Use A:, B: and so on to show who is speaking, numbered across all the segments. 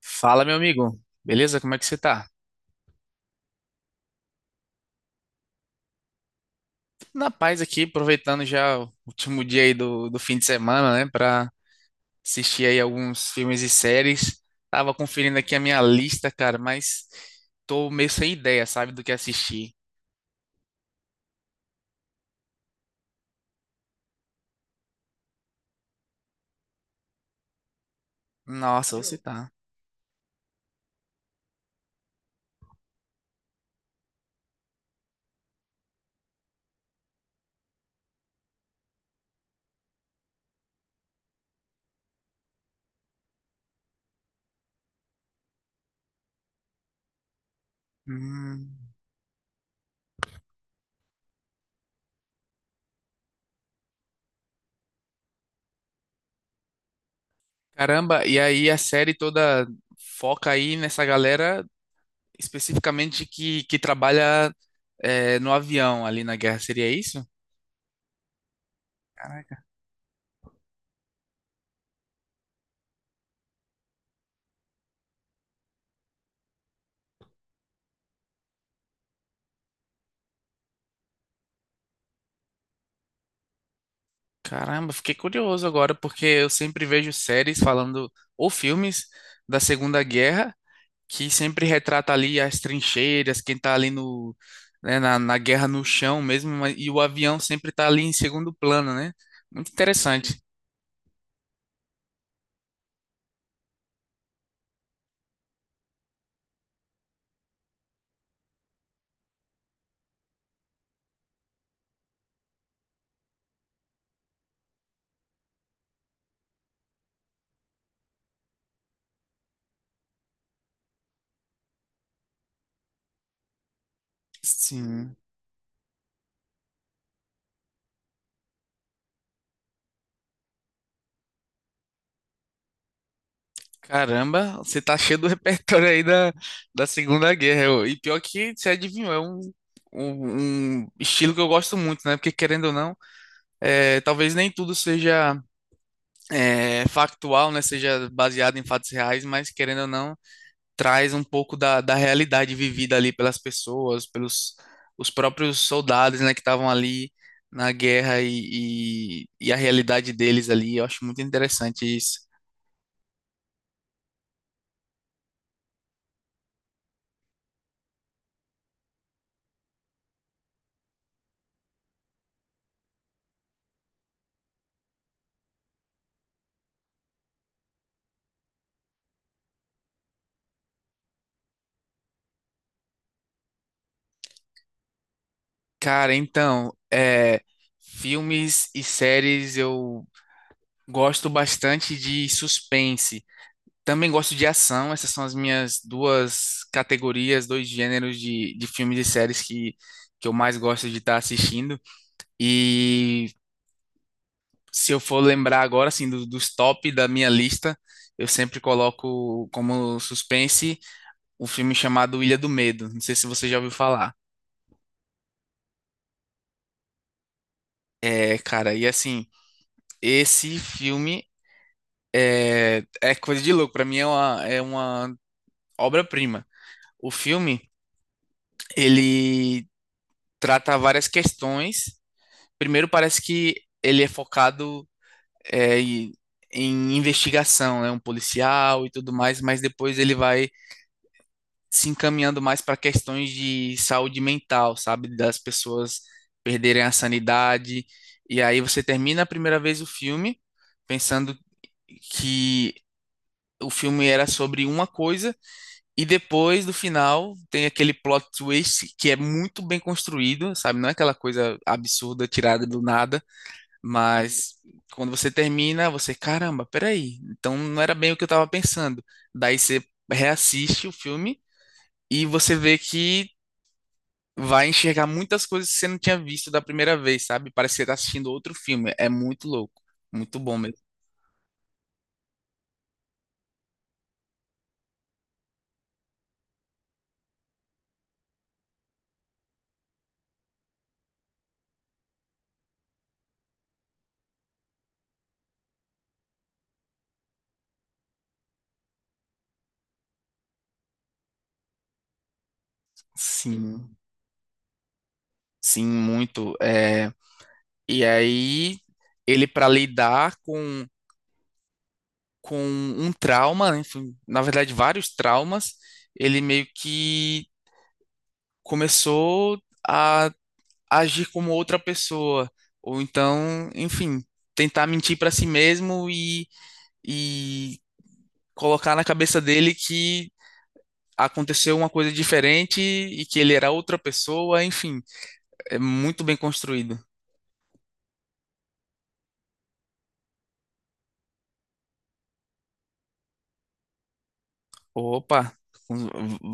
A: Fala, meu amigo. Beleza? Como é que você tá? Tudo na paz aqui, aproveitando já o último dia aí do fim de semana, né? Pra assistir aí alguns filmes e séries. Tava conferindo aqui a minha lista, cara, mas tô meio sem ideia, sabe, do que assistir. Nossa, você tá. Hum. Caramba, e aí a série toda foca aí nessa galera especificamente que trabalha no avião ali na guerra, seria isso? Caramba, fiquei curioso agora, porque eu sempre vejo séries falando, ou filmes da Segunda Guerra, que sempre retrata ali as trincheiras, quem tá ali no, né, na guerra no chão mesmo, mas e o avião sempre tá ali em segundo plano, né? Muito interessante. Sim. Caramba, você tá cheio do repertório aí da, da Segunda Guerra. E pior que você adivinhou, um estilo que eu gosto muito, né? Porque querendo ou não, é, talvez nem tudo seja. É factual, né, seja baseado em fatos reais, mas querendo ou não, traz um pouco da, da realidade vivida ali pelas pessoas, pelos os próprios soldados, né, que estavam ali na guerra e a realidade deles ali. Eu acho muito interessante isso. Cara, então, é, filmes e séries eu gosto bastante de suspense. Também gosto de ação, essas são as minhas duas categorias, dois gêneros de filmes e séries que eu mais gosto de estar assistindo. E se eu for lembrar agora, assim, dos top da minha lista, eu sempre coloco como suspense um filme chamado Ilha do Medo. Não sei se você já ouviu falar. É, cara, e assim, esse filme é coisa de louco. Pra mim é é uma obra-prima. O filme, ele trata várias questões. Primeiro, parece que ele é focado em em investigação, né? Um policial e tudo mais, mas depois ele vai se encaminhando mais para questões de saúde mental, sabe? Das pessoas perderem a sanidade. E aí você termina a primeira vez o filme pensando que o filme era sobre uma coisa, e depois do final tem aquele plot twist que é muito bem construído, sabe? Não é aquela coisa absurda tirada do nada. Mas quando você termina, você, caramba, peraí. Então não era bem o que eu tava pensando. Daí você reassiste o filme e você vê que vai enxergar muitas coisas que você não tinha visto da primeira vez, sabe? Parece que você tá assistindo outro filme. É muito louco. Muito bom mesmo. Sim, sim, muito. É... E aí, ele para lidar com um trauma, enfim, na verdade, vários traumas, ele meio que começou a agir como outra pessoa, ou então, enfim, tentar mentir para si mesmo e colocar na cabeça dele que aconteceu uma coisa diferente e que ele era outra pessoa, enfim, é muito bem construído. Opa,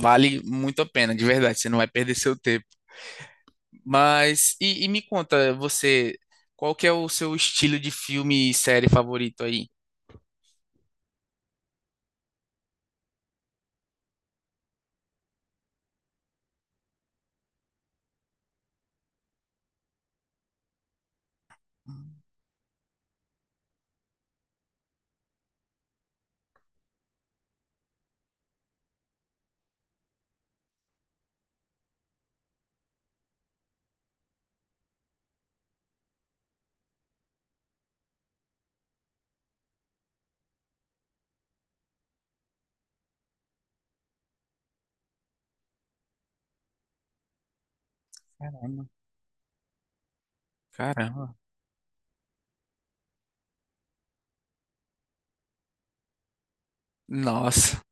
A: vale muito a pena, de verdade, você não vai perder seu tempo. Mas, e me conta, você, qual que é o seu estilo de filme e série favorito aí? Caramba. Nossa.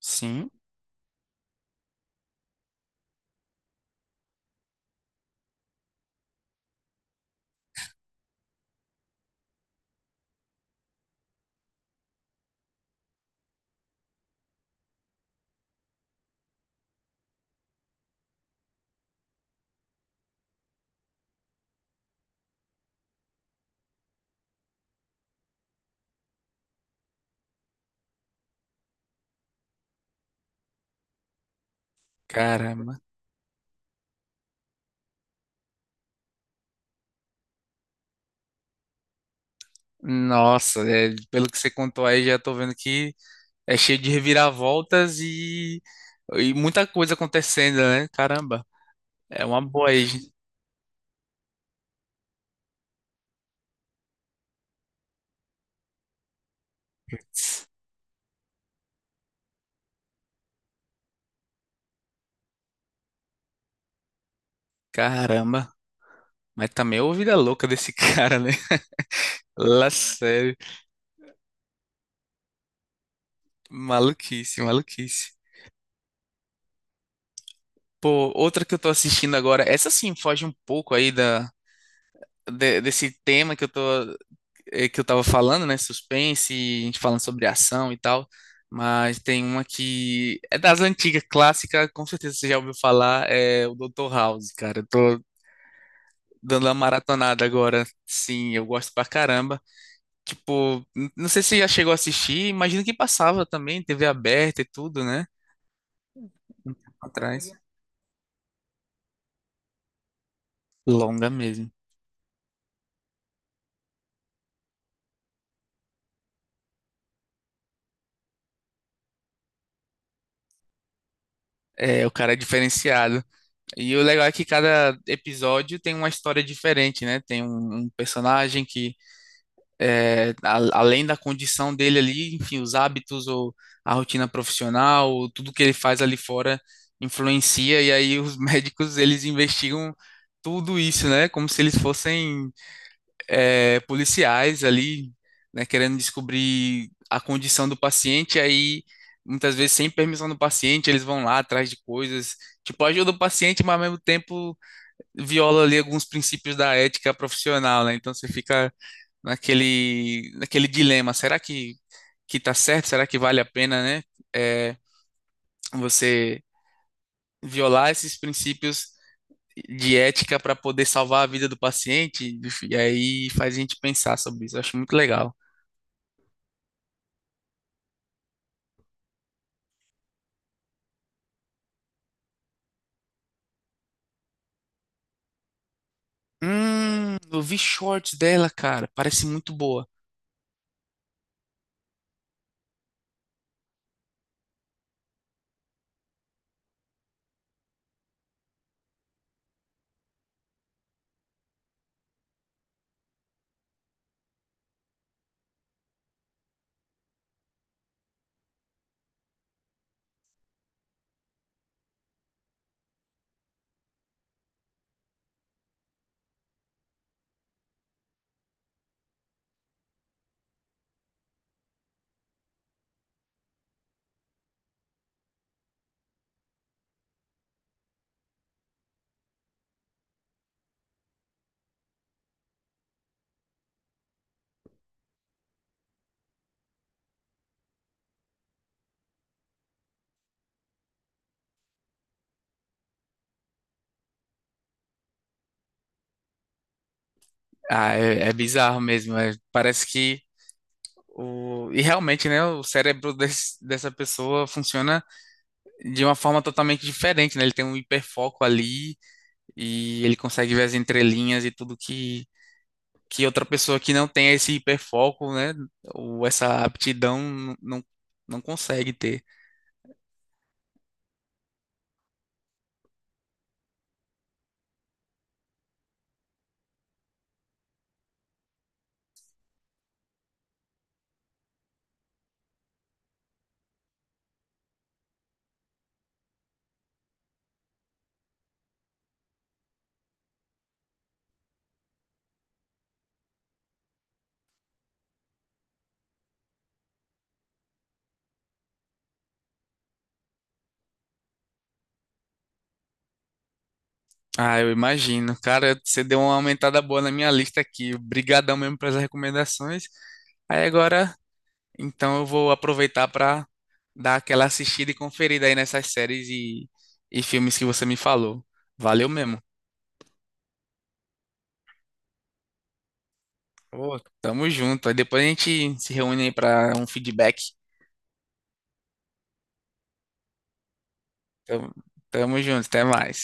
A: Sim. Caramba. Nossa, é, pelo que você contou aí, já tô vendo que é cheio de reviravoltas e muita coisa acontecendo, né? Caramba. É uma boa aí, gente. Caramba. Mas também é a vida louca desse cara, né? Lá sério. Maluquice, maluquice. Pô, outra que eu tô assistindo agora, essa sim foge um pouco aí da, desse tema que eu tô, que eu tava falando, né? Suspense, a gente falando sobre ação e tal. Mas tem uma que é das antigas, clássica, com certeza você já ouviu falar, é o Dr. House, cara. Eu tô dando uma maratonada agora. Sim, eu gosto pra caramba. Tipo, não sei se você já chegou a assistir, imagino que passava também, TV aberta e tudo, né? Atrás. Longa mesmo. É, o cara é diferenciado. E o legal é que cada episódio tem uma história diferente, né? Um personagem que, é, além da condição dele ali, enfim, os hábitos ou a rotina profissional, tudo que ele faz ali fora influencia. E aí os médicos, eles investigam tudo isso, né? Como se eles fossem, é, policiais ali, né? Querendo descobrir a condição do paciente. Aí, muitas vezes, sem permissão do paciente, eles vão lá atrás de coisas. Tipo, ajuda o paciente, mas ao mesmo tempo viola ali alguns princípios da ética profissional, né? Então você fica naquele dilema, será que tá certo? Será que vale a pena, né? É, você violar esses princípios de ética para poder salvar a vida do paciente? E aí faz a gente pensar sobre isso. Eu acho muito legal. Eu vi shorts dela, cara. Parece muito boa. Ah, é, é bizarro mesmo. Parece que E realmente, né, o cérebro dessa pessoa funciona de uma forma totalmente diferente, né? Ele tem um hiperfoco ali e ele consegue ver as entrelinhas e tudo que outra pessoa que não tem esse hiperfoco, né? Ou essa aptidão não consegue ter. Ah, eu imagino. Cara, você deu uma aumentada boa na minha lista aqui. Obrigadão mesmo pelas recomendações. Aí agora, então eu vou aproveitar para dar aquela assistida e conferida aí nessas séries e filmes que você me falou. Valeu mesmo. Pô, tamo junto. Aí depois a gente se reúne aí pra um feedback. Tamo, tamo junto, até mais.